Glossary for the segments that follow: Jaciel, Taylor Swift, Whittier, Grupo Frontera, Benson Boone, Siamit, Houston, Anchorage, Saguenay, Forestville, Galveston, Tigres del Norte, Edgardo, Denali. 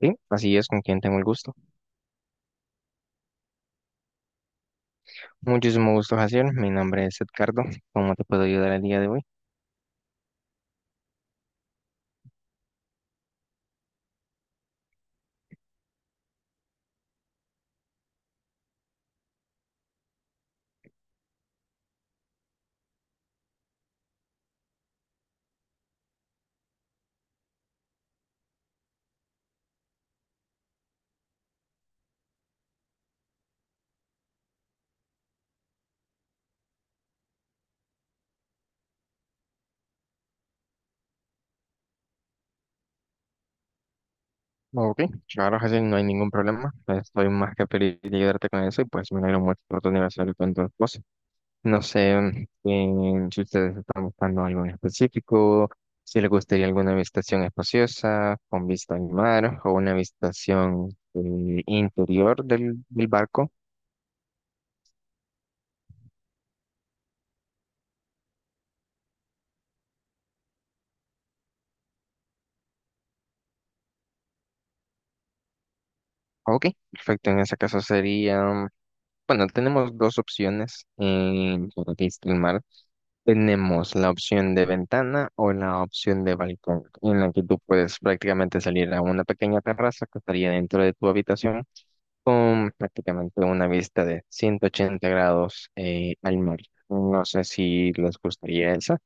Sí, así es. ¿Con quien tengo el gusto? Muchísimo gusto, Jaciel. Mi nombre es Edgardo. ¿Cómo te puedo ayudar el día de hoy? Ok, claro, Jaciel, no hay ningún problema. Pues estoy más que feliz de ayudarte con eso y pues me alegro mucho por tu aniversario con tu esposa. No sé, si ustedes están buscando algo en específico, si les gustaría alguna habitación espaciosa, con vista al mar, o una habitación interior del barco. Ok, perfecto. En ese caso sería, bueno, tenemos dos opciones para streamar. Tenemos la opción de ventana o la opción de balcón, en la que tú puedes prácticamente salir a una pequeña terraza que estaría dentro de tu habitación, con prácticamente una vista de 180 grados al mar. No sé si les gustaría esa.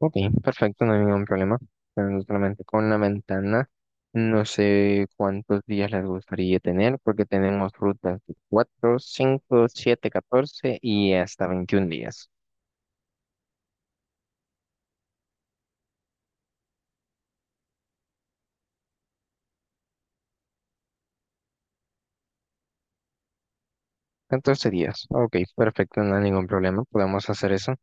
Ok, perfecto, no hay ningún problema. Pero solamente con la ventana, no sé cuántos días les gustaría tener, porque tenemos rutas de 4, 5, 7, 14 y hasta 21 días. ¿14 días? Ok, perfecto, no hay ningún problema, podemos hacer eso.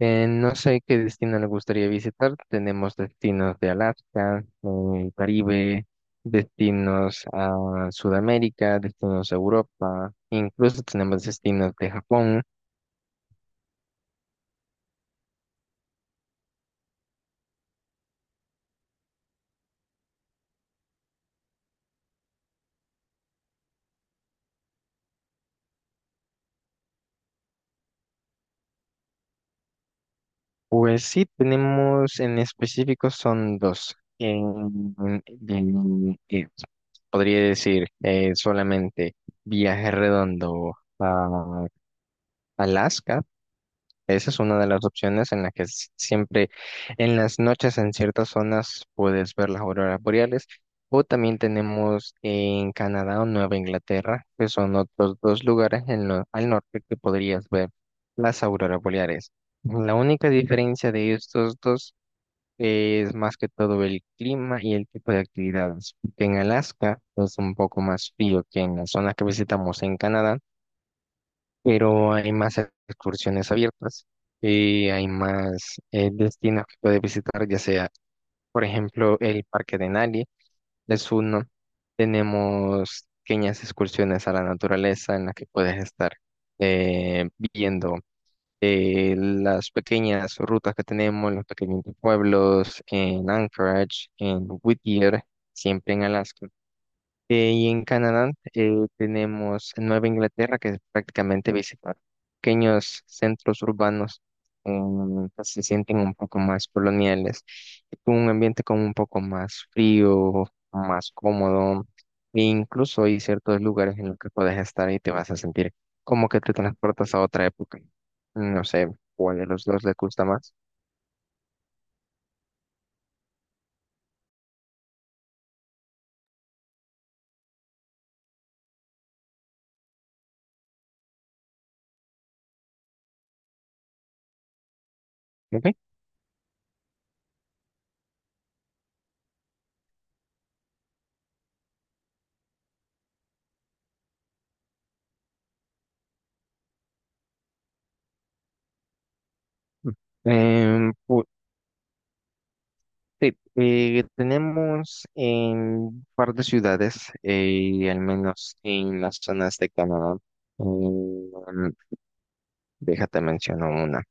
No sé qué destino les gustaría visitar. Tenemos destinos de Alaska, Caribe, destinos a Sudamérica, destinos a Europa, incluso tenemos destinos de Japón. Pues sí, tenemos en específico son dos. En- eh, Podría decir solamente viaje redondo a Alaska. Esa es una de las opciones en la que siempre en las noches en ciertas zonas puedes ver las auroras boreales. O también tenemos en Canadá o Nueva Inglaterra, que son otros dos lugares al norte que podrías ver las auroras boreales. La única diferencia de estos dos es más que todo el clima y el tipo de actividades, porque en Alaska es un poco más frío que en la zona que visitamos en Canadá, pero hay más excursiones abiertas y hay más destinos que puedes visitar, ya sea, por ejemplo, el Parque de Denali, es uno. Tenemos pequeñas excursiones a la naturaleza en las que puedes estar viendo las pequeñas rutas que tenemos, los pequeños pueblos en Anchorage, en Whittier, siempre en Alaska. Y en Canadá tenemos Nueva Inglaterra, que es prácticamente visitar pequeños centros urbanos que se sienten un poco más coloniales, y con un ambiente como un poco más frío, más cómodo, e incluso hay ciertos lugares en los que puedes estar y te vas a sentir como que te transportas a otra época. No sé cuál de los dos le gusta más. Ok. Em, pu- Sí, tenemos en un par de ciudades, al menos en las zonas de Canadá. Mm, déjate menciono una.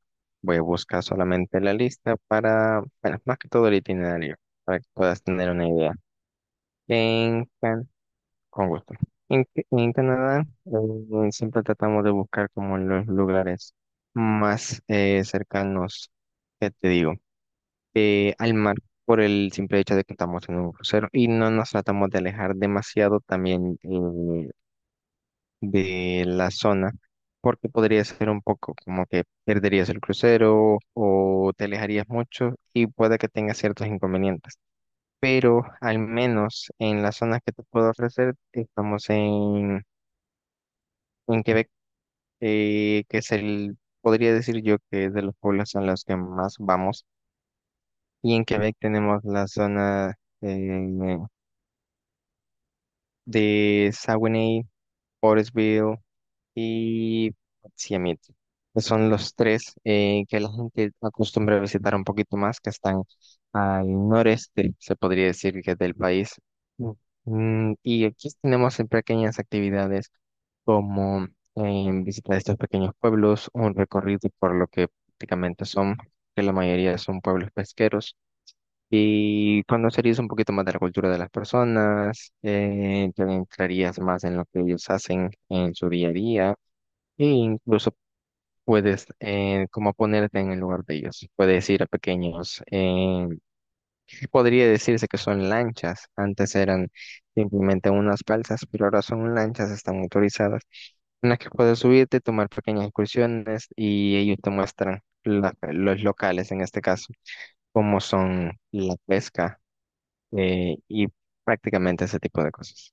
Voy a buscar solamente la lista para, bueno, más que todo el itinerario, para que puedas tener una idea. En Can- con gusto. En Canadá, siempre tratamos de buscar como los lugares más cercanos, que te digo? Al mar, por el simple hecho de que estamos en un crucero y no nos tratamos de alejar demasiado también de la zona, porque podría ser un poco como que perderías el crucero o te alejarías mucho y puede que tengas ciertos inconvenientes. Pero al menos en las zonas que te puedo ofrecer, estamos en Quebec, que es el, podría decir yo que es de los pueblos a los que más vamos. Y en Quebec tenemos la zona, eh, de Saguenay, Forestville y Siamit. Que Son los tres que la gente acostumbra a visitar un poquito más, que están al noreste, se podría decir, que del país. Mm. Mm, y aquí tenemos en pequeñas actividades como visitar estos pequeños pueblos, un recorrido por lo que prácticamente son, que la mayoría son pueblos pesqueros, y conocerías un poquito más de la cultura de las personas. Te entrarías más en lo que ellos hacen en su día a día, e incluso puedes como ponerte en el lugar de ellos. Puedes ir a pequeños, que podría decirse que son lanchas. Antes eran simplemente unas balsas, pero ahora son lanchas, están motorizadas, en las que puedes subirte, tomar pequeñas excursiones y ellos te muestran los locales, en este caso, cómo son la pesca y prácticamente ese tipo de cosas.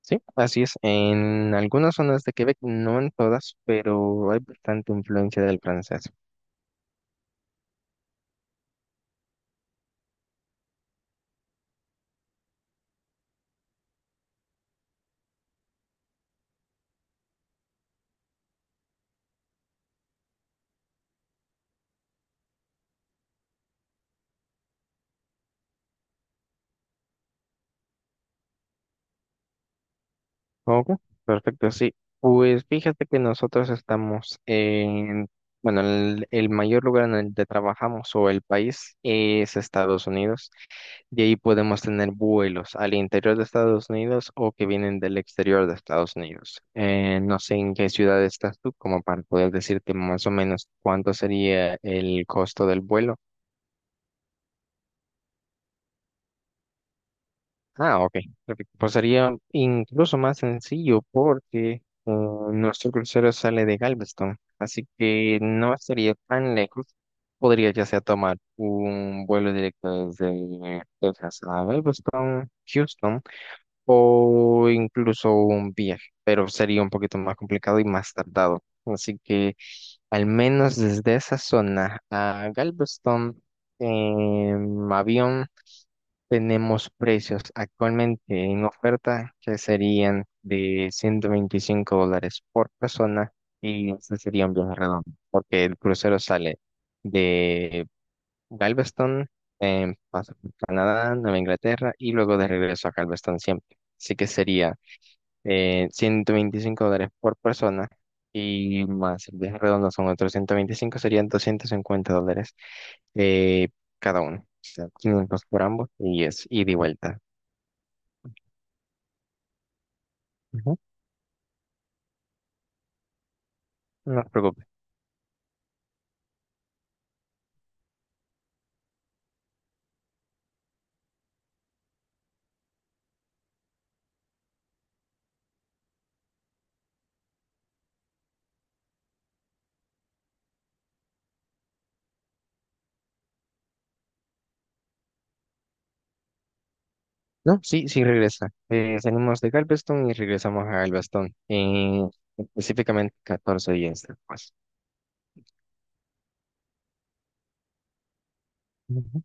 Sí, así es. En algunas zonas de Quebec, no en todas, pero hay bastante influencia del francés. Ok, perfecto, sí. Pues fíjate que nosotros estamos en, bueno, el mayor lugar en el que trabajamos, o el país, es Estados Unidos. Y ahí podemos tener vuelos al interior de Estados Unidos o que vienen del exterior de Estados Unidos. No sé en qué ciudad estás tú, como para poder decirte más o menos cuánto sería el costo del vuelo. Ah, ok, perfecto. Pues sería incluso más sencillo porque nuestro crucero sale de Galveston, así que no estaría tan lejos. Podría ya sea tomar un vuelo directo desde Texas a Galveston, Houston, o incluso un viaje, pero sería un poquito más complicado y más tardado. Así que al menos desde esa zona a Galveston en avión tenemos precios actualmente en oferta que serían de $125 por persona, y ese sería un viaje redondo porque el crucero sale de Galveston, pasa por Canadá, Nueva Inglaterra y luego de regreso a Galveston siempre. Así que sería 125 dólares por persona, y más el viaje redondo son otros ciento veinticinco, serían 250 dólares eh, cada uno. O sea, 500 por ambos, y es ida y vuelta. Ujú. No te preocupes. No, sí, sí regresa. Salimos de Galveston y regresamos a Galveston, específicamente 14 días después. Ujú.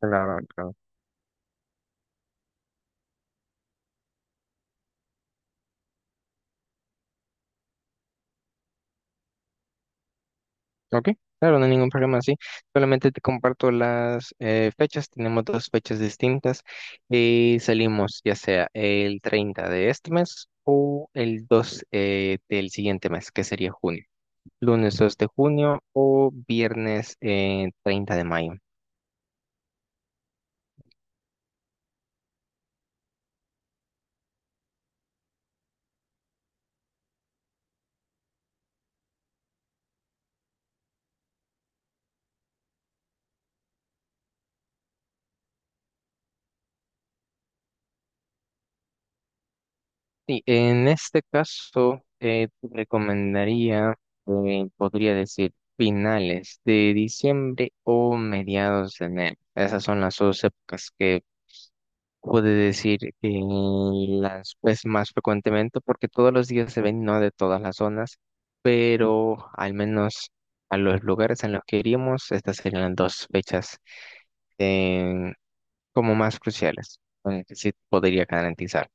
Claro, claro. Ok, claro, no hay ningún problema, sí. Solamente te comparto las fechas. Tenemos dos fechas distintas y salimos ya sea el 30 de este mes o el 2 del siguiente mes, que sería junio. Lunes 2 de junio o viernes 30 de mayo. Sí, en este caso, te recomendaría, podría decir, finales de diciembre o mediados de enero. Esas son las dos épocas que puede decir que las pues más frecuentemente, porque todos los días se ven, no de todas las zonas, pero al menos a los lugares en los que iríamos, estas serían las dos fechas eh, como más cruciales, con las que sí podría garantizar.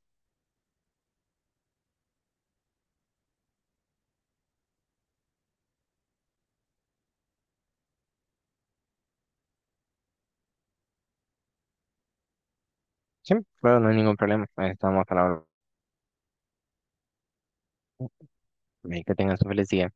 Sí, claro, no hay ningún problema. Ahí estamos a la hora. Que tengas un feliz día.